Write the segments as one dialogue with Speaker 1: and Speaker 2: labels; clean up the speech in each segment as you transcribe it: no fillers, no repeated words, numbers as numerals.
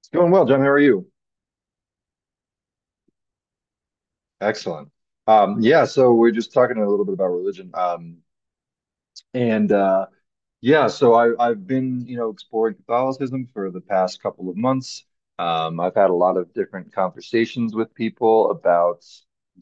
Speaker 1: It's going well, John. How are you? Excellent. Yeah, so we're just talking a little bit about religion. And yeah, so I've been, you know, exploring Catholicism for the past couple of months. I've had a lot of different conversations with people about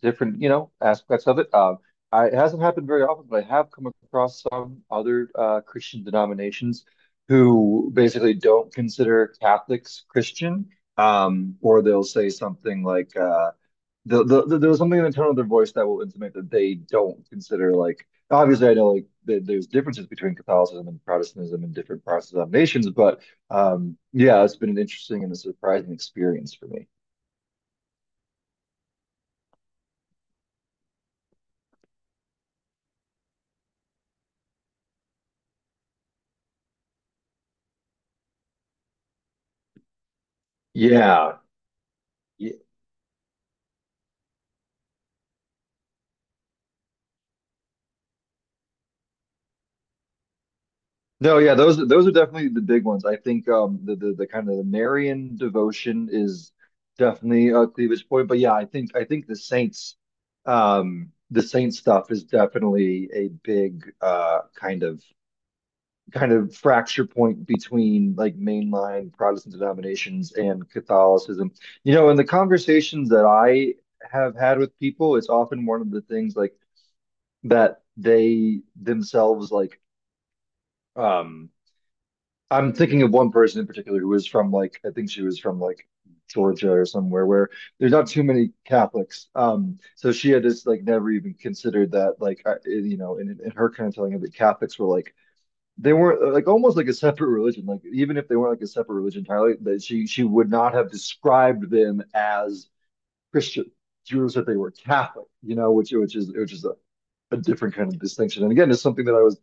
Speaker 1: different, you know, aspects of it. It hasn't happened very often, but I have come across some other Christian denominations who basically don't consider Catholics Christian, or they'll say something like, there was something in the tone of their voice that will intimate that they don't consider like obviously I know like there's differences between Catholicism and Protestantism in different Protestant nations, but yeah, it's been an interesting and a surprising experience for me. Yeah. Yeah. No, yeah, those are definitely the big ones. I think the kind of the Marian devotion is definitely a cleavage point, but yeah, I think the saints the saint stuff is definitely a big kind of fracture point between like mainline Protestant denominations and Catholicism. You know, in the conversations that I have had with people, it's often one of the things like that they themselves like um I'm thinking of one person in particular who was from like I think she was from like Georgia or somewhere where there's not too many Catholics. So she had just like never even considered that like you know in her kind of telling of that Catholics were like they weren't like almost like a separate religion. Like even if they weren't like a separate religion entirely, that she would not have described them as Christian. She would have said they were Catholic, you know, which is a different kind of distinction. And again, it's something that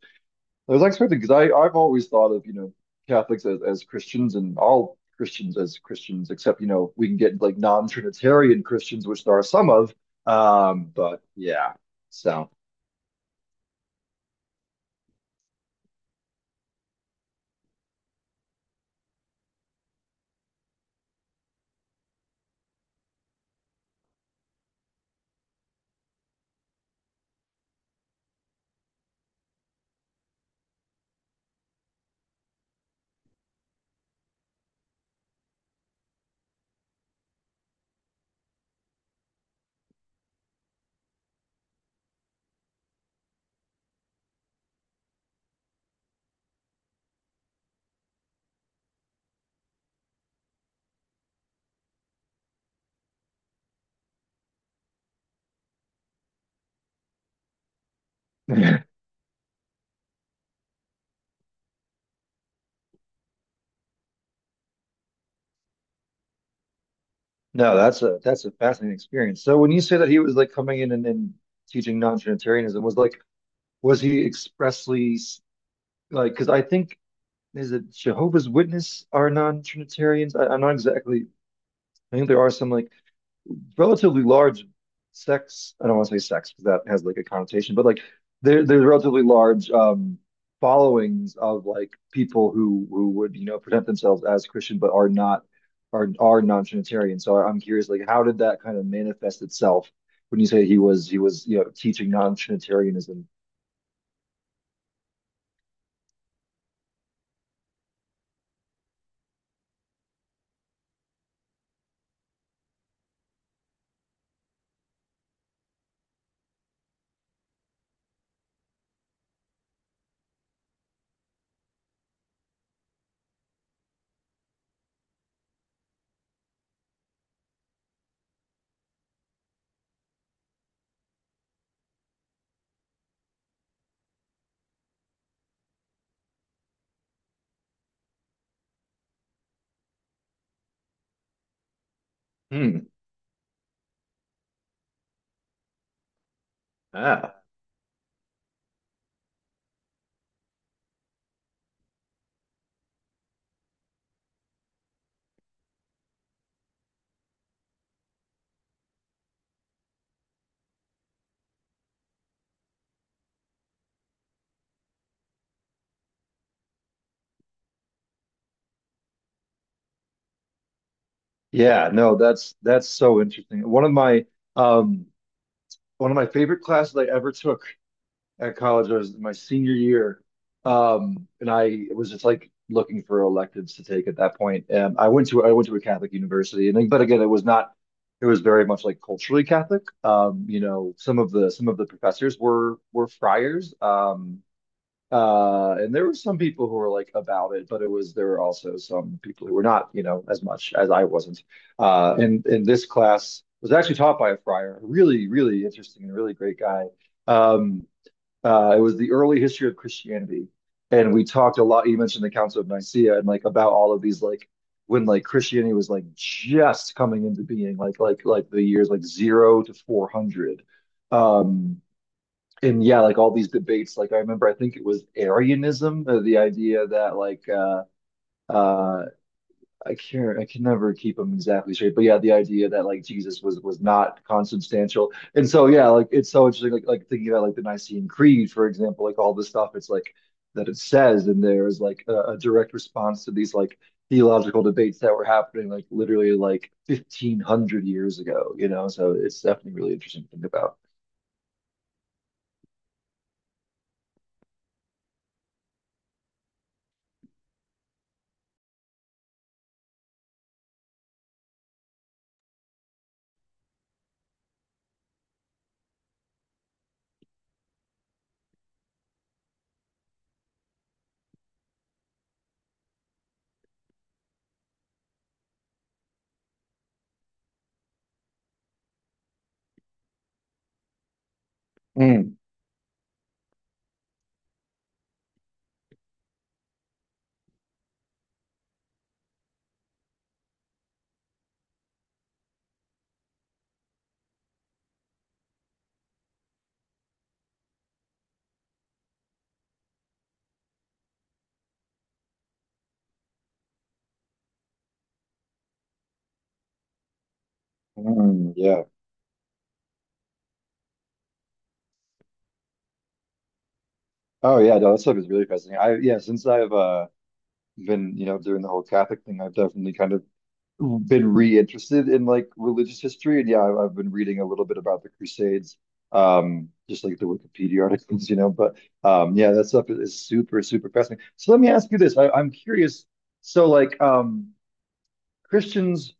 Speaker 1: I was expecting because I've always thought of you know Catholics as Christians and all Christians as Christians, except you know we can get like non-Trinitarian Christians, which there are some of. But yeah, so. No, that's a fascinating experience. So when you say that he was like coming in and teaching non-Trinitarianism, was he expressly like because I think is it Jehovah's Witness are non-Trinitarians? I'm not exactly. I think there are some like relatively large sex. I don't want to say sex because that has like a connotation, but like there's relatively large followings of like people who would you know present themselves as Christian but are not are non-Trinitarian. So I'm curious, like how did that kind of manifest itself when you say he was you know teaching non-Trinitarianism? Hmm. Ah. Yeah, no, that's so interesting. Um one of my favorite classes I ever took at college. I was my senior year, and I was just like looking for electives to take at that point. And I went to a Catholic university, and but again, it was not. It was very much like culturally Catholic. You know, some of the professors were friars. And there were some people who were like about it, but it was there were also some people who were not, you know, as much as I wasn't. And this class was actually taught by a friar, a really, really interesting and really great guy. Um, it was the early history of Christianity, and we talked a lot. You mentioned the Council of Nicaea and like about all of these like when like Christianity was like just coming into being, like the years like 0 to 400. Um, and yeah, like all these debates. Like I remember, I think it was Arianism, the idea that like uh, I can't, I can never keep them exactly straight. But yeah, the idea that like Jesus was not consubstantial, and so yeah, like it's so interesting. Like thinking about like the Nicene Creed, for example, like all the stuff it's like that it says in there is like a direct response to these like theological debates that were happening like literally like 1500 years ago. You know, so it's definitely really interesting to think about. Mm, mm, yeah. Oh yeah, no, that stuff is really fascinating. Since I've been you know doing the whole Catholic thing, I've definitely kind of been reinterested in like religious history, and yeah, I've been reading a little bit about the Crusades, just like the Wikipedia articles, you know. But yeah, that stuff is super, super fascinating. So let me ask you this: I'm curious. So like Christians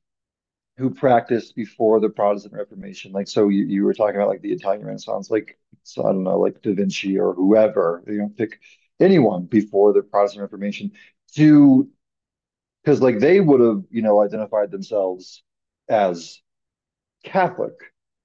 Speaker 1: who practiced before the Protestant Reformation, like so you were talking about like the Italian Renaissance, like so I don't know, like Da Vinci or whoever, you know, pick anyone before the Protestant Reformation. Do because like they would have, you know, identified themselves as Catholic,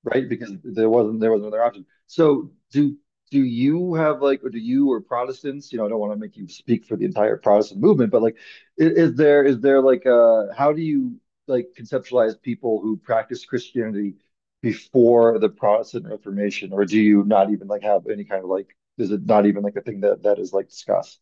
Speaker 1: right? Because there was not another option. So do you have like, or do you or Protestants, you know, I don't want to make you speak for the entire Protestant movement, but like, is there like how do you like conceptualize people who practice Christianity before the Protestant Reformation, or do you not even like have any kind of like, is it not even like a thing that that is like discussed?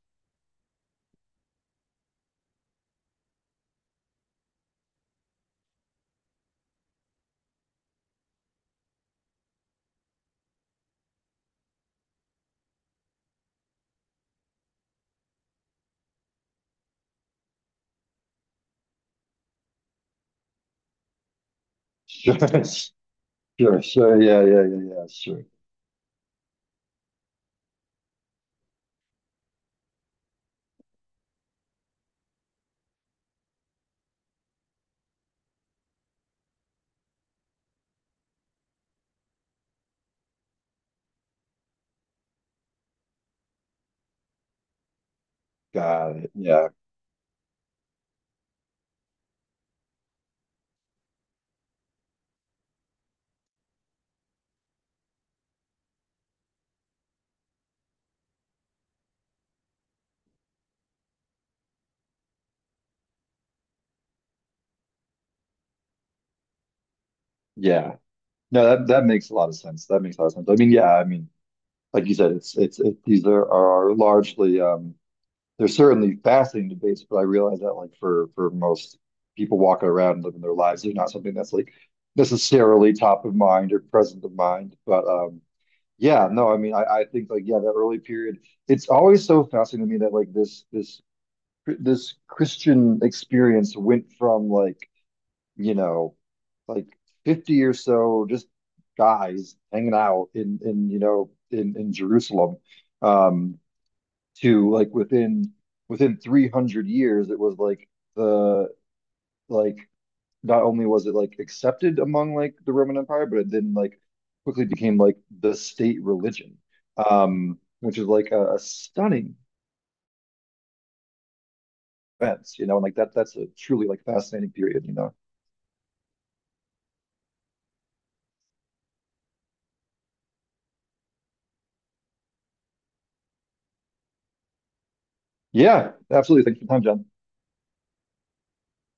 Speaker 1: Sure, sure, sure, yeah, yeah, yeah, yeah, sure. Got it. Yeah. Yeah. No, that that makes a lot of sense. That makes a lot of sense. I mean, yeah, I mean, like you said, these are largely they're certainly fascinating debates, but I realize that like for most people walking around and living their lives, they're not something that's like necessarily top of mind or present of mind. But yeah, no, I mean, I think like yeah, that early period, it's always so fascinating to me that like this Christian experience went from like you know, like 50 or so just guys hanging out in you know in Jerusalem um to like within 300 years it was like the like not only was it like accepted among like the Roman Empire but it then like quickly became like the state religion, which is like a stunning event you know and like that's a truly like fascinating period you know. Yeah absolutely, thanks for your time, John.